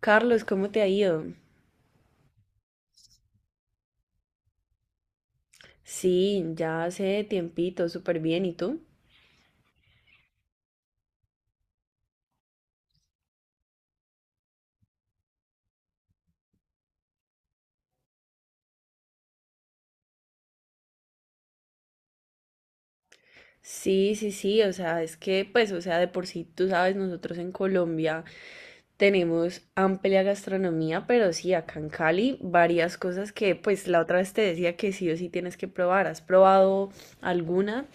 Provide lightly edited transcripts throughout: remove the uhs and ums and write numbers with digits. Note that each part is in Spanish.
Carlos, ¿cómo te ha ido? Sí, ya hace tiempito, súper bien. ¿Y tú? Sí, sí, sí, o sea, es que, pues, o sea, de por sí, tú sabes, nosotros en Colombia tenemos amplia gastronomía, pero sí, acá en Cali, varias cosas que, pues, la otra vez te decía que sí o sí tienes que probar. ¿Has probado alguna?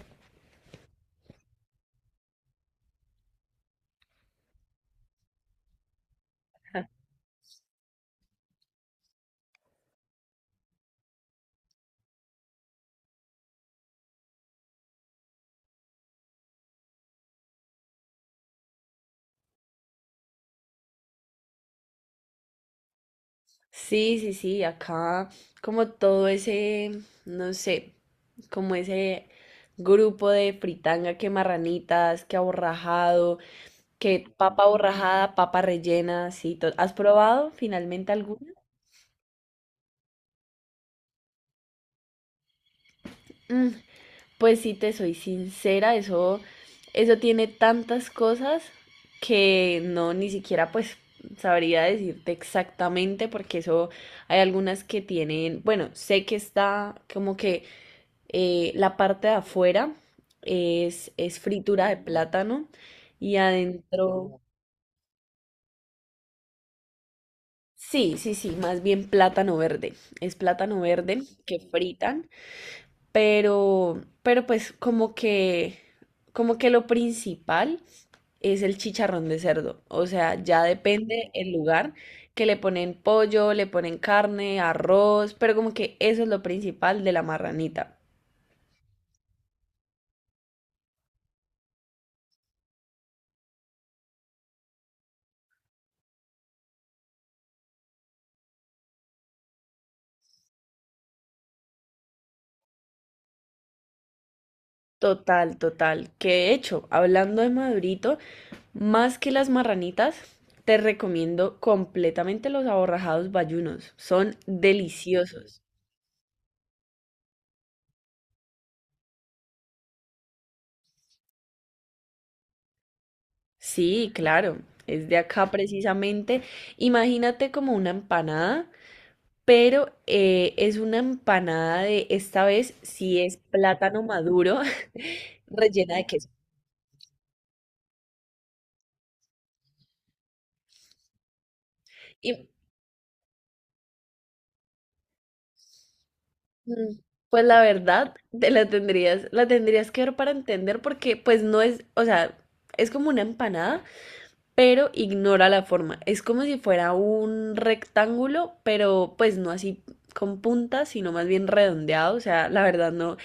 Sí, sí, sí, acá como todo ese, no sé, como ese grupo de fritanga, que marranitas, que aborrajado, que papa borrajada, papa rellena, sí, ¿has probado finalmente alguna? Mm, pues sí, te soy sincera, eso tiene tantas cosas que no, ni siquiera pues sabría decirte exactamente porque eso hay algunas que tienen, bueno, sé que está como que la parte de afuera es fritura de plátano y adentro, sí, sí, sí, más bien plátano verde, es plátano verde que fritan. Pero pues como que lo principal es el chicharrón de cerdo. O sea, ya depende el lugar que le ponen pollo, le ponen carne, arroz, pero como que eso es lo principal de la marranita. Total, total. Que de hecho, hablando de madurito, más que las marranitas, te recomiendo completamente los aborrajados bayunos. Son deliciosos. Sí, claro, es de acá precisamente. Imagínate como una empanada, pero es una empanada de, esta vez sí es plátano maduro rellena de queso. Y mm, pues la verdad, te la tendrías que ver para entender porque pues no es, o sea, es como una empanada, pero ignora la forma. Es como si fuera un rectángulo, pero pues no así con puntas, sino más bien redondeado. O sea, la verdad no,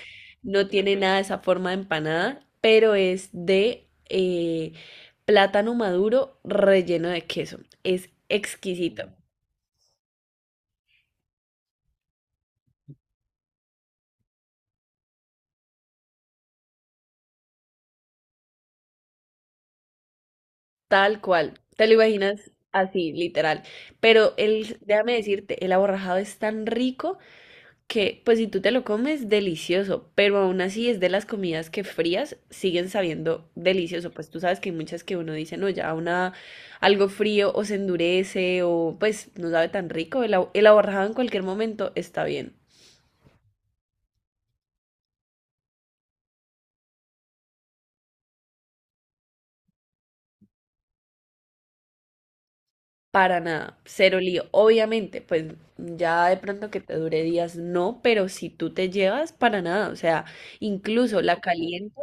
no tiene nada de esa forma de empanada, pero es de plátano maduro relleno de queso. Es exquisito, tal cual. Te lo imaginas así, literal. Pero déjame decirte, el aborrajado es tan rico que pues si tú te lo comes, delicioso, pero aún así es de las comidas que frías siguen sabiendo delicioso, pues tú sabes que hay muchas que uno dice, no, ya una, algo frío o se endurece o pues no sabe tan rico, el ahorrado en cualquier momento está bien, para nada, cero lío, obviamente, pues ya de pronto que te dure días, no, pero si tú te llevas, para nada, o sea, incluso la caliente.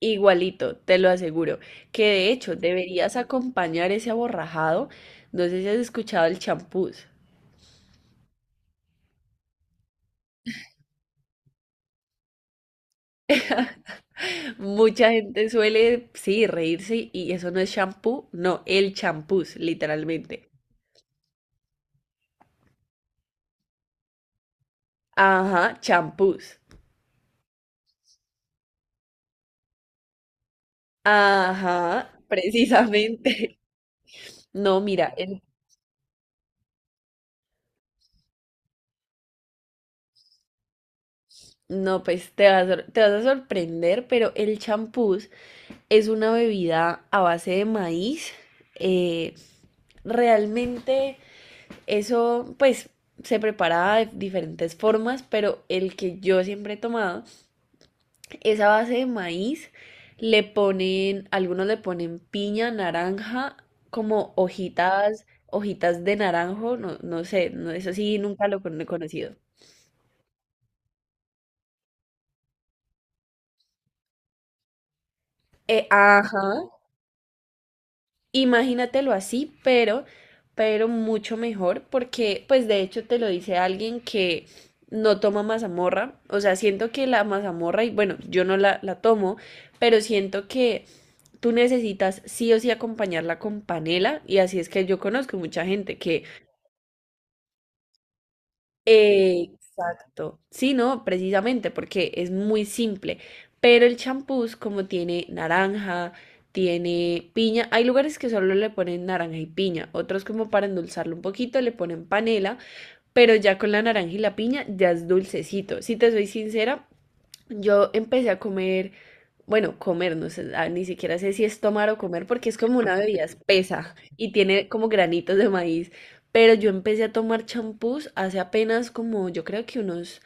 Igualito, te lo aseguro. Que de hecho deberías acompañar ese aborrajado. No sé si has escuchado el champús. Mucha gente suele, sí, reírse y eso no es champú, no, el champús, literalmente. Ajá, champús. Ajá, precisamente. No, mira, no, pues te vas, te vas a sorprender, pero el champús es una bebida a base de maíz. eh, realmente eso, pues, se prepara de diferentes formas, pero el que yo siempre he tomado es a base de maíz. Le ponen, algunos le ponen piña, naranja, como hojitas, hojitas de naranjo, no, no sé, no, eso sí, nunca lo he conocido. Ajá, imagínatelo así, pero mucho mejor, porque pues de hecho te lo dice alguien que no toma mazamorra, o sea, siento que la mazamorra, y bueno, yo no la tomo, pero siento que tú necesitas sí o sí acompañarla con panela, y así es que yo conozco mucha gente que... Exacto. Sí, no, precisamente porque es muy simple. Pero el champús, como tiene naranja, tiene piña, hay lugares que solo le ponen naranja y piña, otros como para endulzarlo un poquito le ponen panela, pero ya con la naranja y la piña ya es dulcecito. Si te soy sincera, yo empecé a comer, bueno, comer, no sé, ah, ni siquiera sé si es tomar o comer, porque es como una bebida espesa y tiene como granitos de maíz. Pero yo empecé a tomar champús hace apenas como, yo creo que unos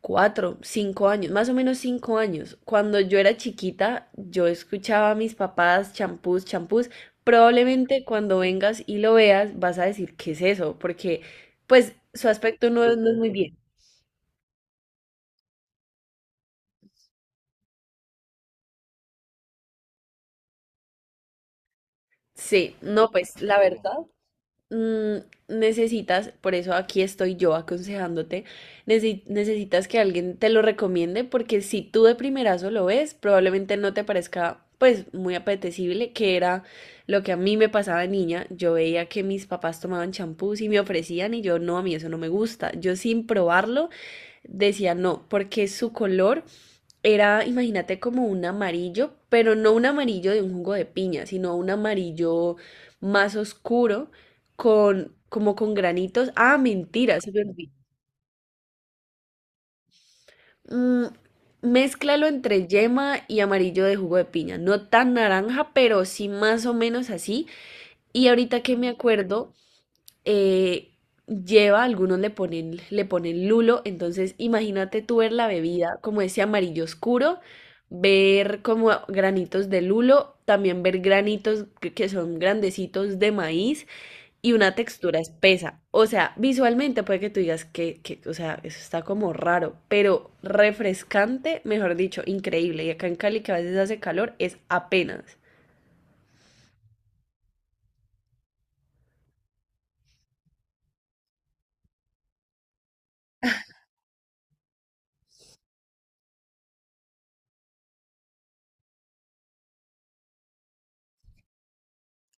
cuatro, cinco años, más o menos cinco años. Cuando yo era chiquita, yo escuchaba a mis papás champús, champús. Probablemente cuando vengas y lo veas, vas a decir, ¿qué es eso? Porque, pues, su aspecto no, no es muy bien. Sí, no, pues, la verdad. Mm, necesitas, por eso aquí estoy yo aconsejándote, necesitas que alguien te lo recomiende porque si tú de primerazo lo ves, probablemente no te parezca pues muy apetecible, que era lo que a mí me pasaba de niña. Yo veía que mis papás tomaban champús y me ofrecían y yo no, a mí eso no me gusta. Yo sin probarlo decía no, porque su color era, imagínate, como un amarillo, pero no un amarillo de un jugo de piña, sino un amarillo más oscuro, con, como con granitos. Ah, mentira, se me olvidó. Mm, mézclalo entre yema y amarillo de jugo de piña. No tan naranja, pero sí más o menos así. Y ahorita que me acuerdo, eh, lleva, algunos le ponen lulo, entonces imagínate tú ver la bebida como ese amarillo oscuro, ver como granitos de lulo, también ver granitos que son grandecitos de maíz y una textura espesa. O sea, visualmente puede que tú digas que, o sea, eso está como raro, pero refrescante, mejor dicho, increíble. Y acá en Cali, que a veces hace calor, es apenas.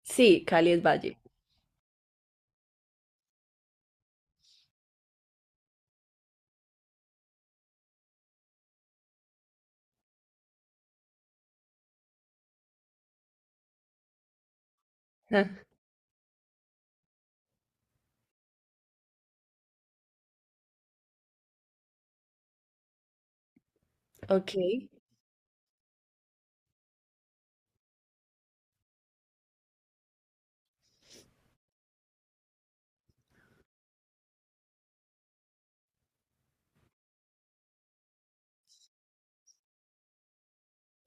Sí, Cali es valle. Ah, ok,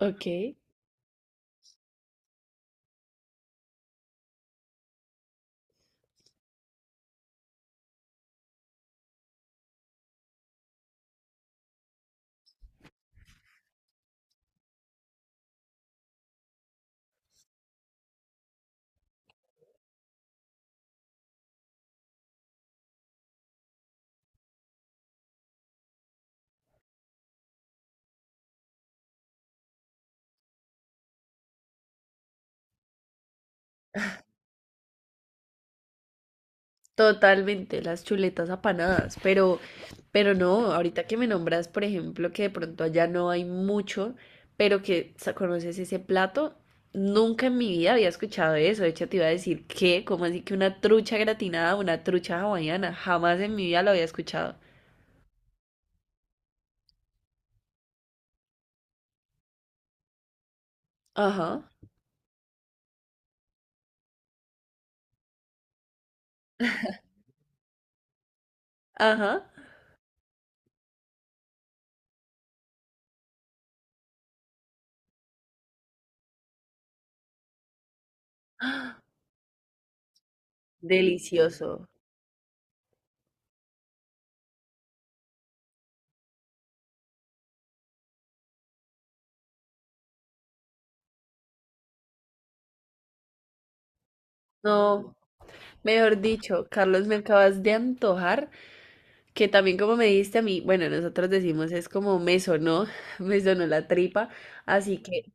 ok. Totalmente, las chuletas apanadas, pero no, ahorita que me nombras, por ejemplo, que de pronto allá no hay mucho, pero que conoces ese plato, nunca en mi vida había escuchado eso. De hecho, te iba a decir que, como así que ¿una trucha gratinada, una trucha hawaiana? Jamás en mi vida lo había escuchado. Ajá, ajá. Delicioso. No, mejor dicho, Carlos, me acabas de antojar. Que también como me dijiste a mí, bueno, nosotros decimos es como me sonó, me sonó la tripa, así que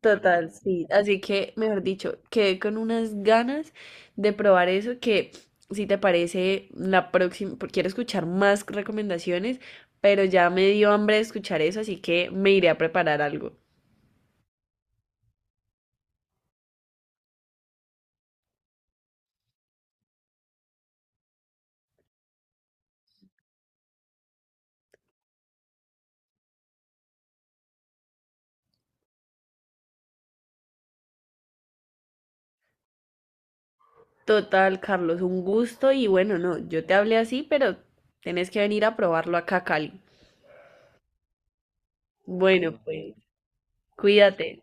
total, sí, así que mejor dicho, quedé con unas ganas de probar eso que si te parece la próxima, porque quiero escuchar más recomendaciones, pero ya me dio hambre de escuchar eso, así que me iré a preparar algo. Total, Carlos, un gusto y bueno, no, yo te hablé así, pero tenés que venir a probarlo acá a Cali. Bueno, pues cuídate.